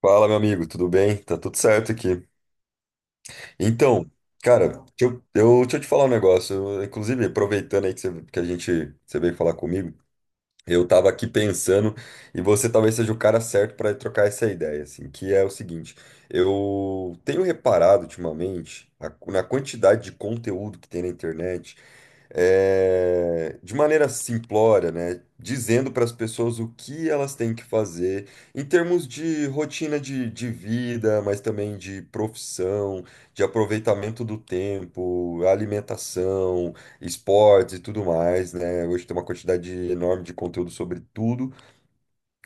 Fala, meu amigo, tudo bem? Tá tudo certo aqui. Então, cara, deixa eu te falar um negócio. Eu, inclusive, aproveitando aí que a gente, você veio falar comigo, eu tava aqui pensando, e você talvez seja o cara certo para trocar essa ideia, assim, que é o seguinte, eu tenho reparado ultimamente na quantidade de conteúdo que tem na internet, de maneira simplória, né, dizendo para as pessoas o que elas têm que fazer em termos de rotina de vida, mas também de profissão, de aproveitamento do tempo, alimentação esportes e tudo mais, né? Hoje tem uma quantidade enorme de conteúdo sobre tudo.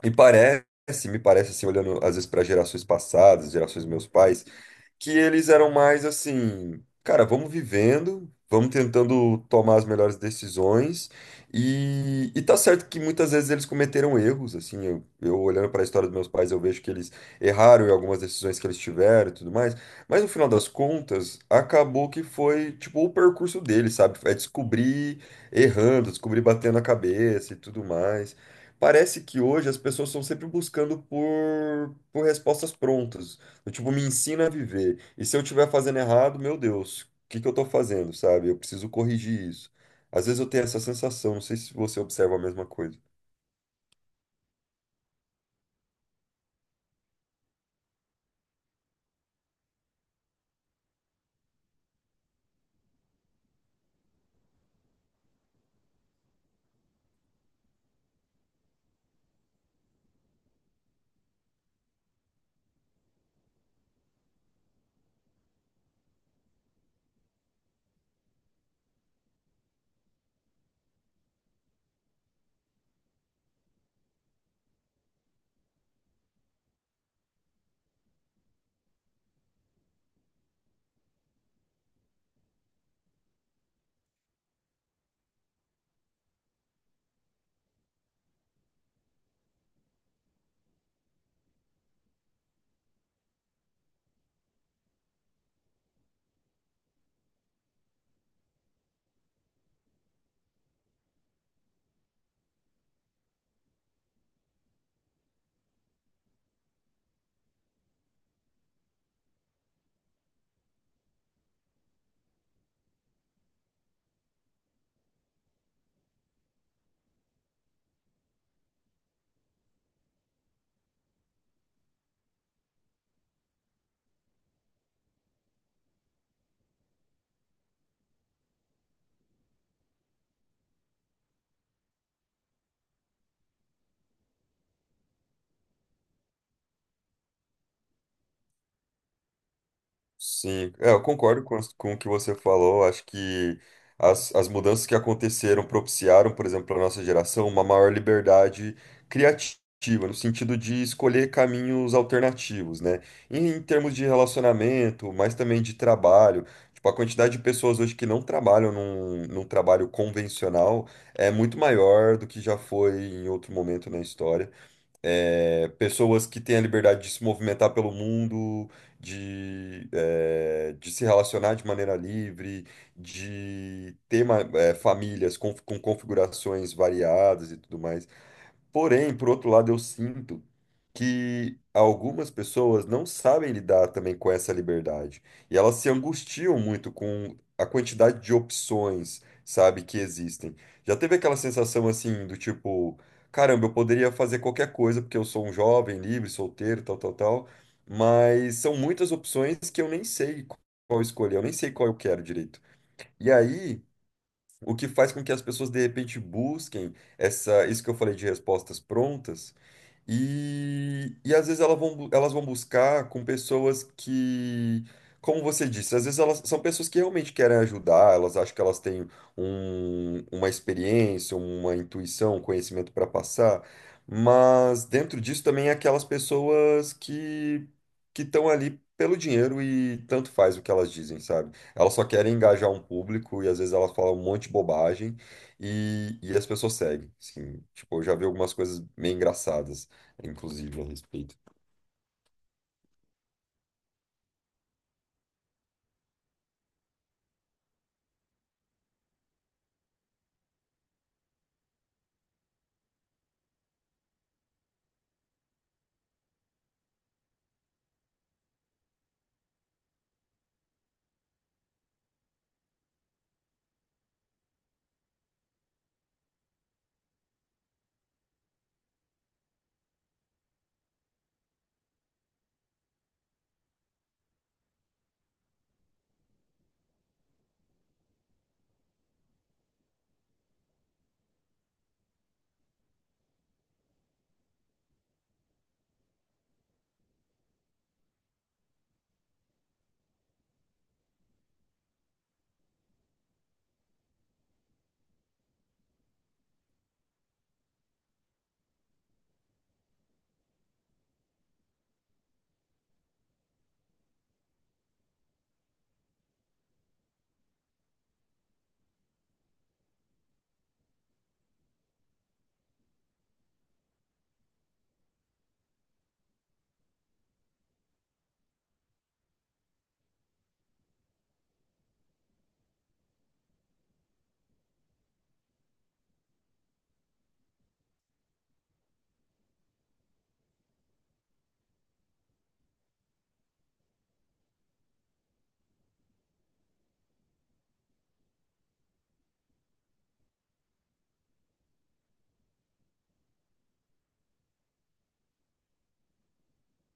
E parece, Me parece assim, olhando às vezes para gerações passadas, gerações dos meus pais, que eles eram mais assim, cara, vamos vivendo, vamos tentando tomar as melhores decisões. E tá certo que muitas vezes eles cometeram erros, assim, eu olhando para a história dos meus pais, eu vejo que eles erraram em algumas decisões que eles tiveram e tudo mais, mas no final das contas, acabou que foi, tipo, o percurso deles, sabe? É descobrir errando, descobrir batendo a cabeça e tudo mais. Parece que hoje as pessoas estão sempre buscando por respostas prontas. Do tipo, me ensina a viver. E se eu estiver fazendo errado, meu Deus, o que que eu tô fazendo, sabe? Eu preciso corrigir isso. Às vezes eu tenho essa sensação, não sei se você observa a mesma coisa. Sim, é, eu concordo com o que você falou. Acho que as mudanças que aconteceram propiciaram, por exemplo, para nossa geração, uma maior liberdade criativa, no sentido de escolher caminhos alternativos, né? Em termos de relacionamento, mas também de trabalho. Tipo, a quantidade de pessoas hoje que não trabalham num trabalho convencional é muito maior do que já foi em outro momento na história é, pessoas que têm a liberdade de se movimentar pelo mundo, de se relacionar de maneira livre, de ter famílias com configurações variadas e tudo mais. Porém, por outro lado, eu sinto que algumas pessoas não sabem lidar também com essa liberdade. E elas se angustiam muito com a quantidade de opções, sabe, que existem. Já teve aquela sensação assim do tipo, caramba, eu poderia fazer qualquer coisa porque eu sou um jovem, livre, solteiro, tal, tal, tal, mas são muitas opções que eu nem sei qual escolher, eu nem sei qual eu quero direito. E aí, o que faz com que as pessoas de repente busquem essa, isso que eu falei de respostas prontas e às vezes elas vão buscar com pessoas que, como você disse, às vezes elas são pessoas que realmente querem ajudar, elas acham que elas têm uma experiência, uma intuição, um conhecimento para passar, mas dentro disso também é aquelas pessoas que estão ali pelo dinheiro e tanto faz o que elas dizem, sabe? Elas só querem engajar um público e às vezes elas falam um monte de bobagem e as pessoas seguem, assim, tipo, eu já vi algumas coisas meio engraçadas inclusive, a respeito.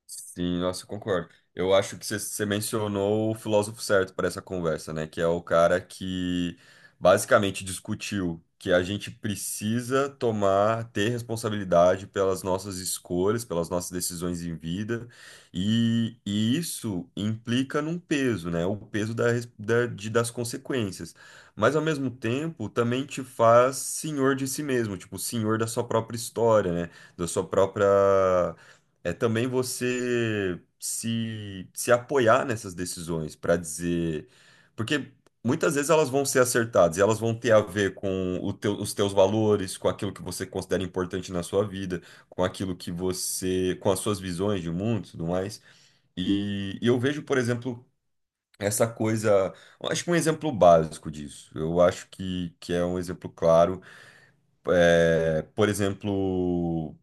Sim, nossa, eu concordo. Eu acho que você mencionou o filósofo certo para essa conversa, né? Que é o cara que basicamente discutiu que a gente precisa tomar, ter responsabilidade pelas nossas escolhas, pelas nossas decisões em vida, e isso implica num peso, né? O peso da, res- da- de- das consequências. Mas ao mesmo tempo também te faz senhor de si mesmo, tipo, senhor da sua própria história, né? Da sua própria. É também você se apoiar nessas decisões para dizer. Porque muitas vezes elas vão ser acertadas e elas vão ter a ver com o os teus valores, com aquilo que você considera importante na sua vida, com aquilo que você. Com as suas visões de mundo e tudo mais. E eu vejo, por exemplo. Essa coisa, eu acho que um exemplo básico disso, eu acho que é um exemplo claro, é, por exemplo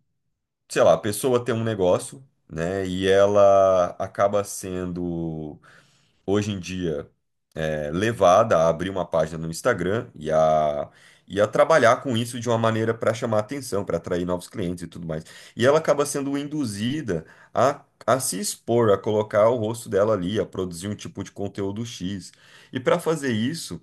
sei lá, a pessoa tem um negócio, né, e ela acaba sendo, hoje em dia, é, levada a abrir uma página no Instagram e a trabalhar com isso de uma maneira para chamar atenção, para atrair novos clientes e tudo mais. E ela acaba sendo induzida a se expor, a colocar o rosto dela ali, a produzir um tipo de conteúdo X. E para fazer isso,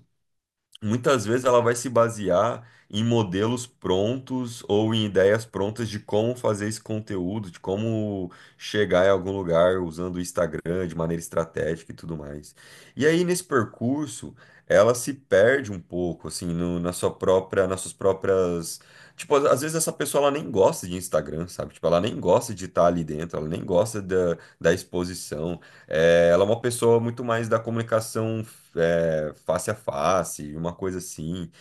muitas vezes ela vai se basear em modelos prontos ou em ideias prontas de como fazer esse conteúdo, de como chegar em algum lugar usando o Instagram de maneira estratégica e tudo mais. E aí, nesse percurso, ela se perde um pouco, assim, na sua própria, nas suas próprias. Tipo, às vezes essa pessoa ela nem gosta de Instagram, sabe? Tipo, ela nem gosta de estar ali dentro, ela nem gosta da exposição. É, ela é uma pessoa muito mais da comunicação é, face a face, uma coisa assim.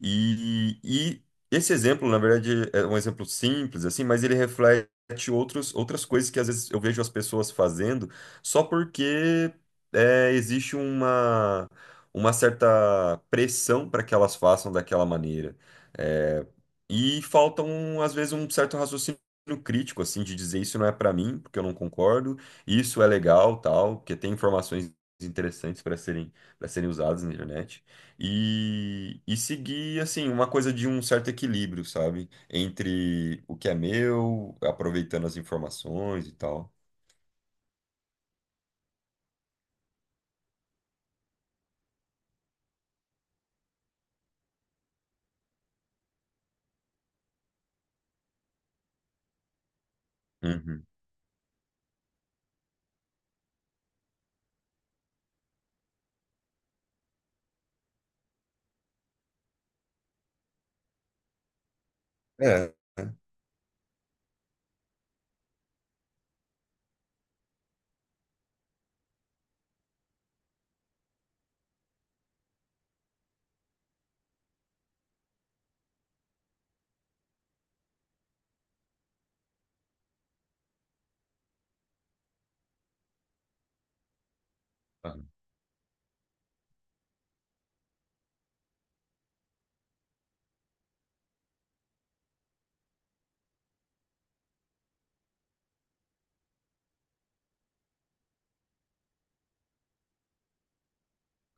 E esse exemplo, na verdade, é um exemplo simples, assim, mas ele reflete outros, outras coisas que às vezes eu vejo as pessoas fazendo só porque é, existe uma certa pressão para que elas façam daquela maneira. É, e falta, um, às vezes, um certo raciocínio crítico, assim, de dizer isso não é para mim, porque eu não concordo isso é legal, tal, porque tem informações interessantes para serem usadas na internet e seguir assim uma coisa de um certo equilíbrio, sabe? Entre o que é meu, aproveitando as informações e tal. Uhum. É. né?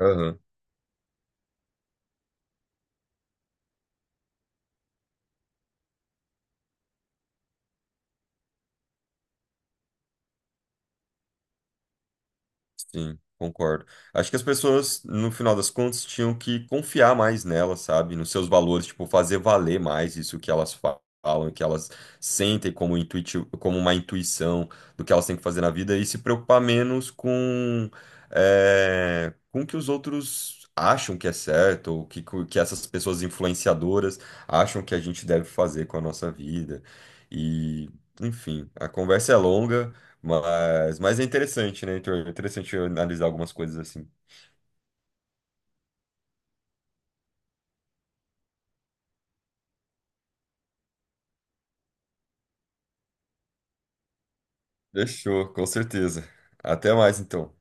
Aham. Sim, concordo. Acho que as pessoas, no final das contas, tinham que confiar mais nelas, sabe? Nos seus valores, tipo, fazer valer mais isso que elas falam, que elas sentem como intuitivo, como uma intuição do que elas têm que fazer na vida e se preocupar menos com o que os outros acham que é certo, ou que essas pessoas influenciadoras acham que a gente deve fazer com a nossa vida. E, enfim, a conversa é longa. Mas é interessante, né, Heitor? É interessante eu analisar algumas coisas assim. Fechou, com certeza. Até mais, então.